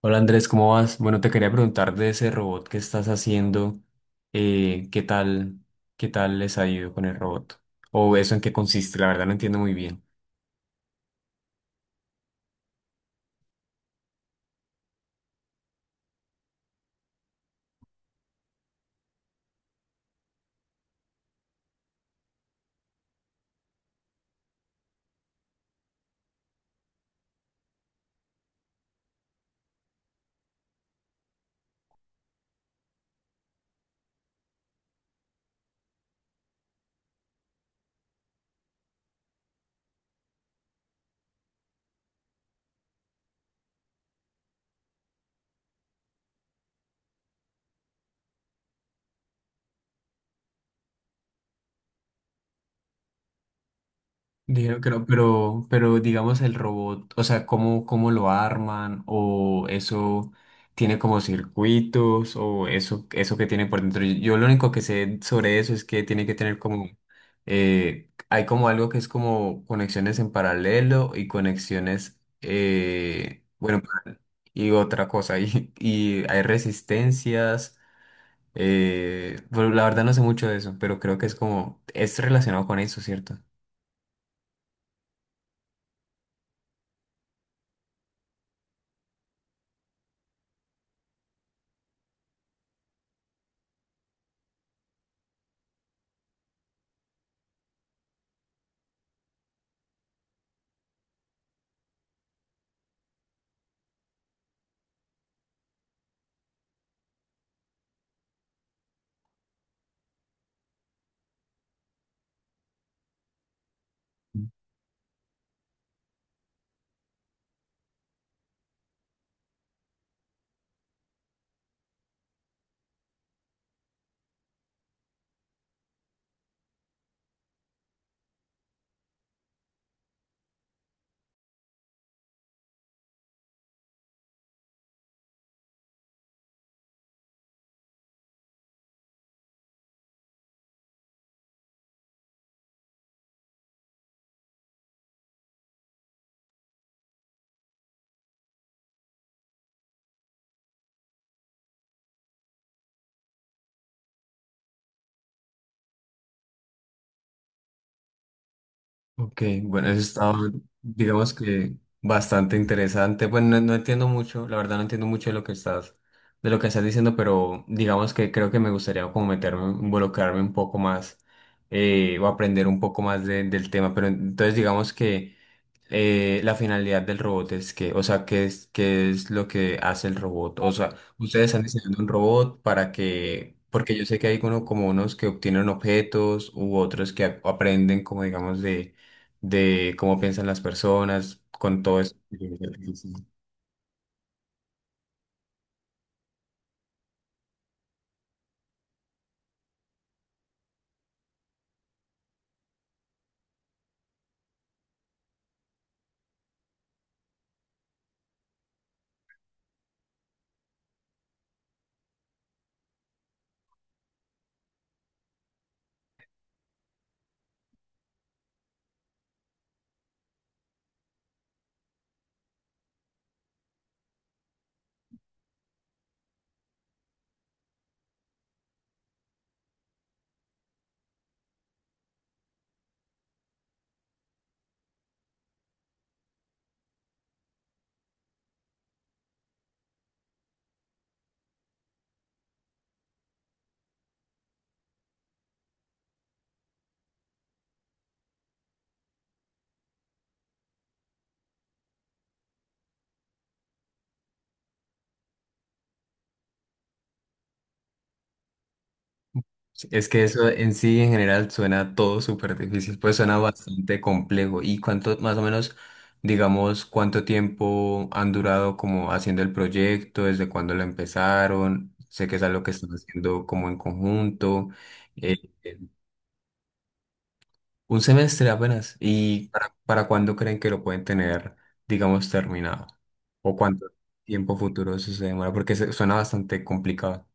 Hola Andrés, ¿cómo vas? Bueno, te quería preguntar de ese robot que estás haciendo. ¿Qué tal, qué tal les ha ido con el robot? O eso en qué consiste, la verdad no entiendo muy bien. Dijeron que no, pero digamos el robot, o sea, ¿cómo, cómo lo arman? ¿O eso tiene como circuitos? ¿O eso que tiene por dentro? Yo lo único que sé sobre eso es que tiene que tener como, hay como algo que es como conexiones en paralelo y conexiones, y otra cosa. Y y hay resistencias. Bueno, la verdad no sé mucho de eso, pero creo que es como, es relacionado con eso, ¿cierto? Ok, bueno, eso está, digamos que bastante interesante. Bueno, no, no entiendo mucho, la verdad no entiendo mucho de lo que estás, de lo que estás diciendo, pero digamos que creo que me gustaría como meterme, involucrarme un poco más, o aprender un poco más del tema. Pero entonces digamos que, la finalidad del robot es que, o sea, qué es lo que hace el robot? O sea, ustedes están diseñando un robot para que, porque yo sé que hay uno, como unos que obtienen objetos u otros que aprenden como digamos de cómo piensan las personas con todo eso. Sí, es que eso en sí en general suena todo súper difícil, pues suena bastante complejo. ¿Y cuánto, más o menos, digamos, cuánto tiempo han durado como haciendo el proyecto? ¿Desde cuándo lo empezaron? Sé que es algo que están haciendo como en conjunto. eh, eh, un semestre apenas. ¿Y para cuándo creen que lo pueden tener, digamos, terminado? ¿O cuánto tiempo futuro eso se demora? Porque suena bastante complicado.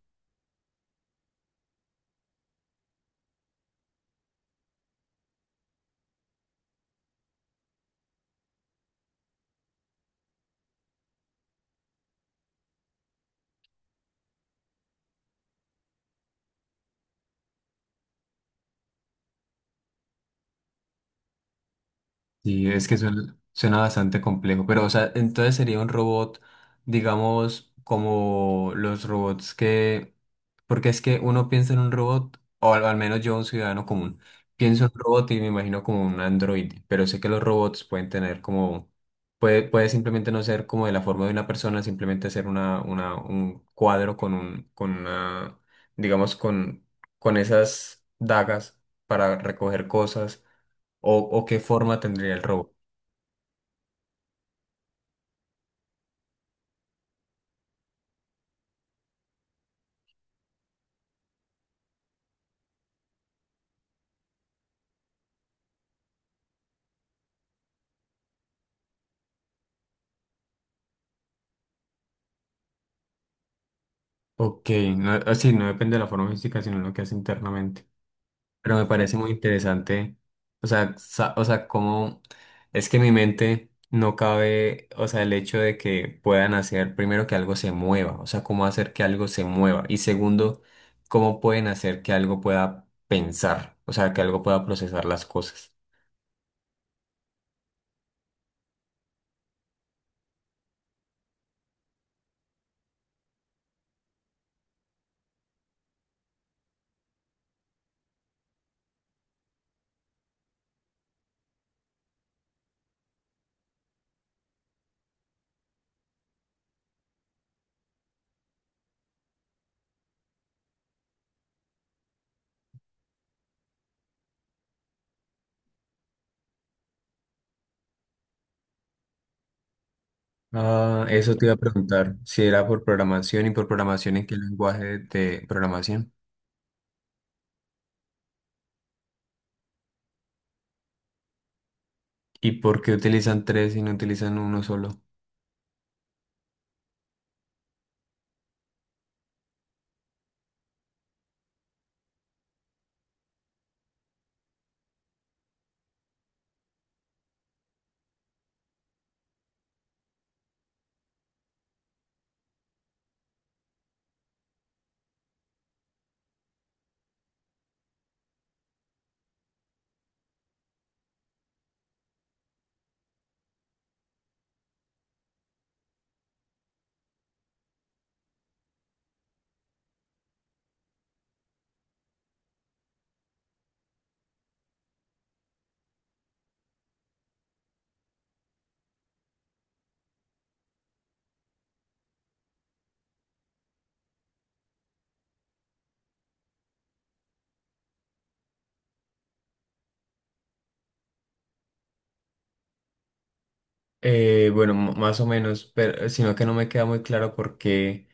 Sí, es que suena, suena bastante complejo, pero o sea, entonces sería un robot, digamos, como los robots que, porque es que uno piensa en un robot, o al, al menos yo, un ciudadano común, pienso en un robot y me imagino como un androide, pero sé que los robots pueden tener como, puede, puede simplemente no ser como de la forma de una persona, simplemente ser una, un cuadro con un, con una, digamos, con esas dagas para recoger cosas. O qué forma tendría el robo? Ok, no, así no depende de la forma física, sino lo que hace internamente. Pero me parece muy interesante, o sea, o sea, cómo es que en mi mente no cabe, o sea, el hecho de que puedan hacer primero que algo se mueva, o sea, cómo hacer que algo se mueva. Y segundo, cómo pueden hacer que algo pueda pensar, o sea, que algo pueda procesar las cosas. Ah, eso te iba a preguntar, si era por programación y por programación, ¿en qué lenguaje de programación? ¿Y por qué utilizan tres y no utilizan uno solo? Bueno, más o menos, pero sino que no me queda muy claro por qué,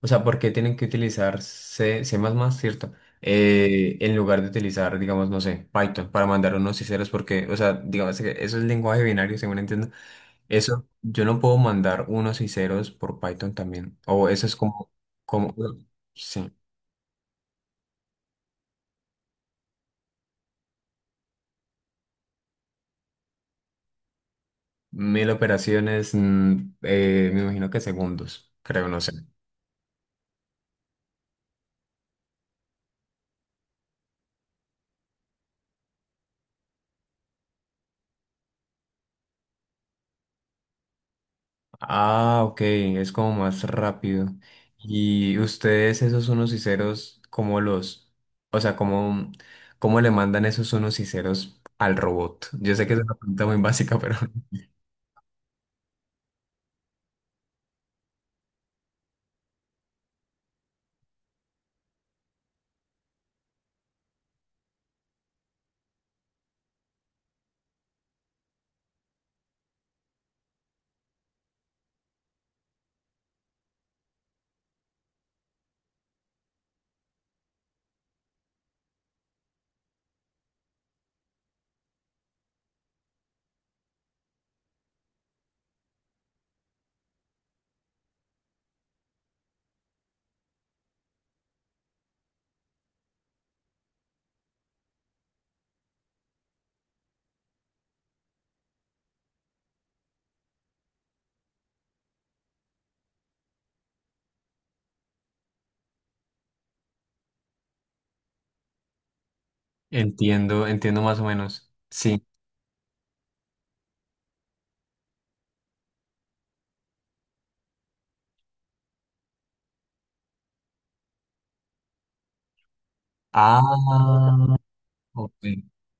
o sea, por qué tienen que utilizar C, C++, ¿cierto? En lugar de utilizar, digamos, no sé, Python para mandar unos y ceros, porque, o sea, digamos que eso es lenguaje binario, según entiendo. Eso, yo no puedo mandar unos y ceros por Python también, o eso es como, como, sí, mil operaciones, me imagino que segundos, creo, no sé. Ah, ok, es como más rápido. Y ustedes, esos unos y ceros, ¿cómo los, o sea, cómo, cómo le mandan esos unos y ceros al robot? Yo sé que es una pregunta muy básica, pero entiendo, entiendo más o menos. Sí. Ah, ok.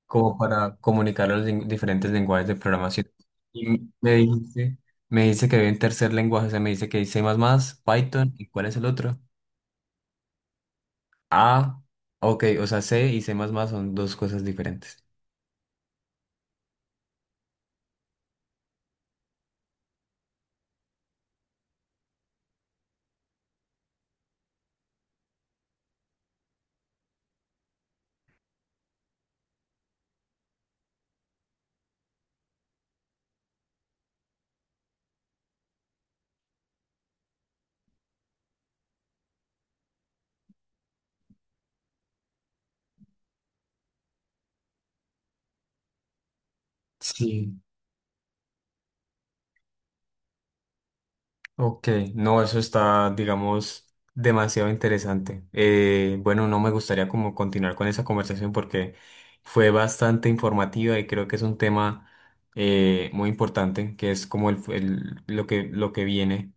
Como para comunicar los diferentes lenguajes de programación. Y me dice que había un tercer lenguaje, o sea, me dice que dice más más, Python, ¿y cuál es el otro? Ah, ok, o sea, C y C++ son dos cosas diferentes. Sí. Ok, no, eso está, digamos, demasiado interesante. Bueno, no me gustaría como continuar con esa conversación porque fue bastante informativa y creo que es un tema, muy importante, que es como el, lo que viene,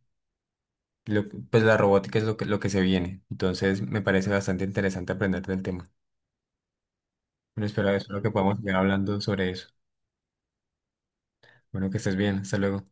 lo- pues la robótica es lo que se viene. Entonces, me parece bastante interesante aprender del tema. Bueno, espero, espero que podamos seguir hablando sobre eso. Bueno, que estés bien, hasta luego.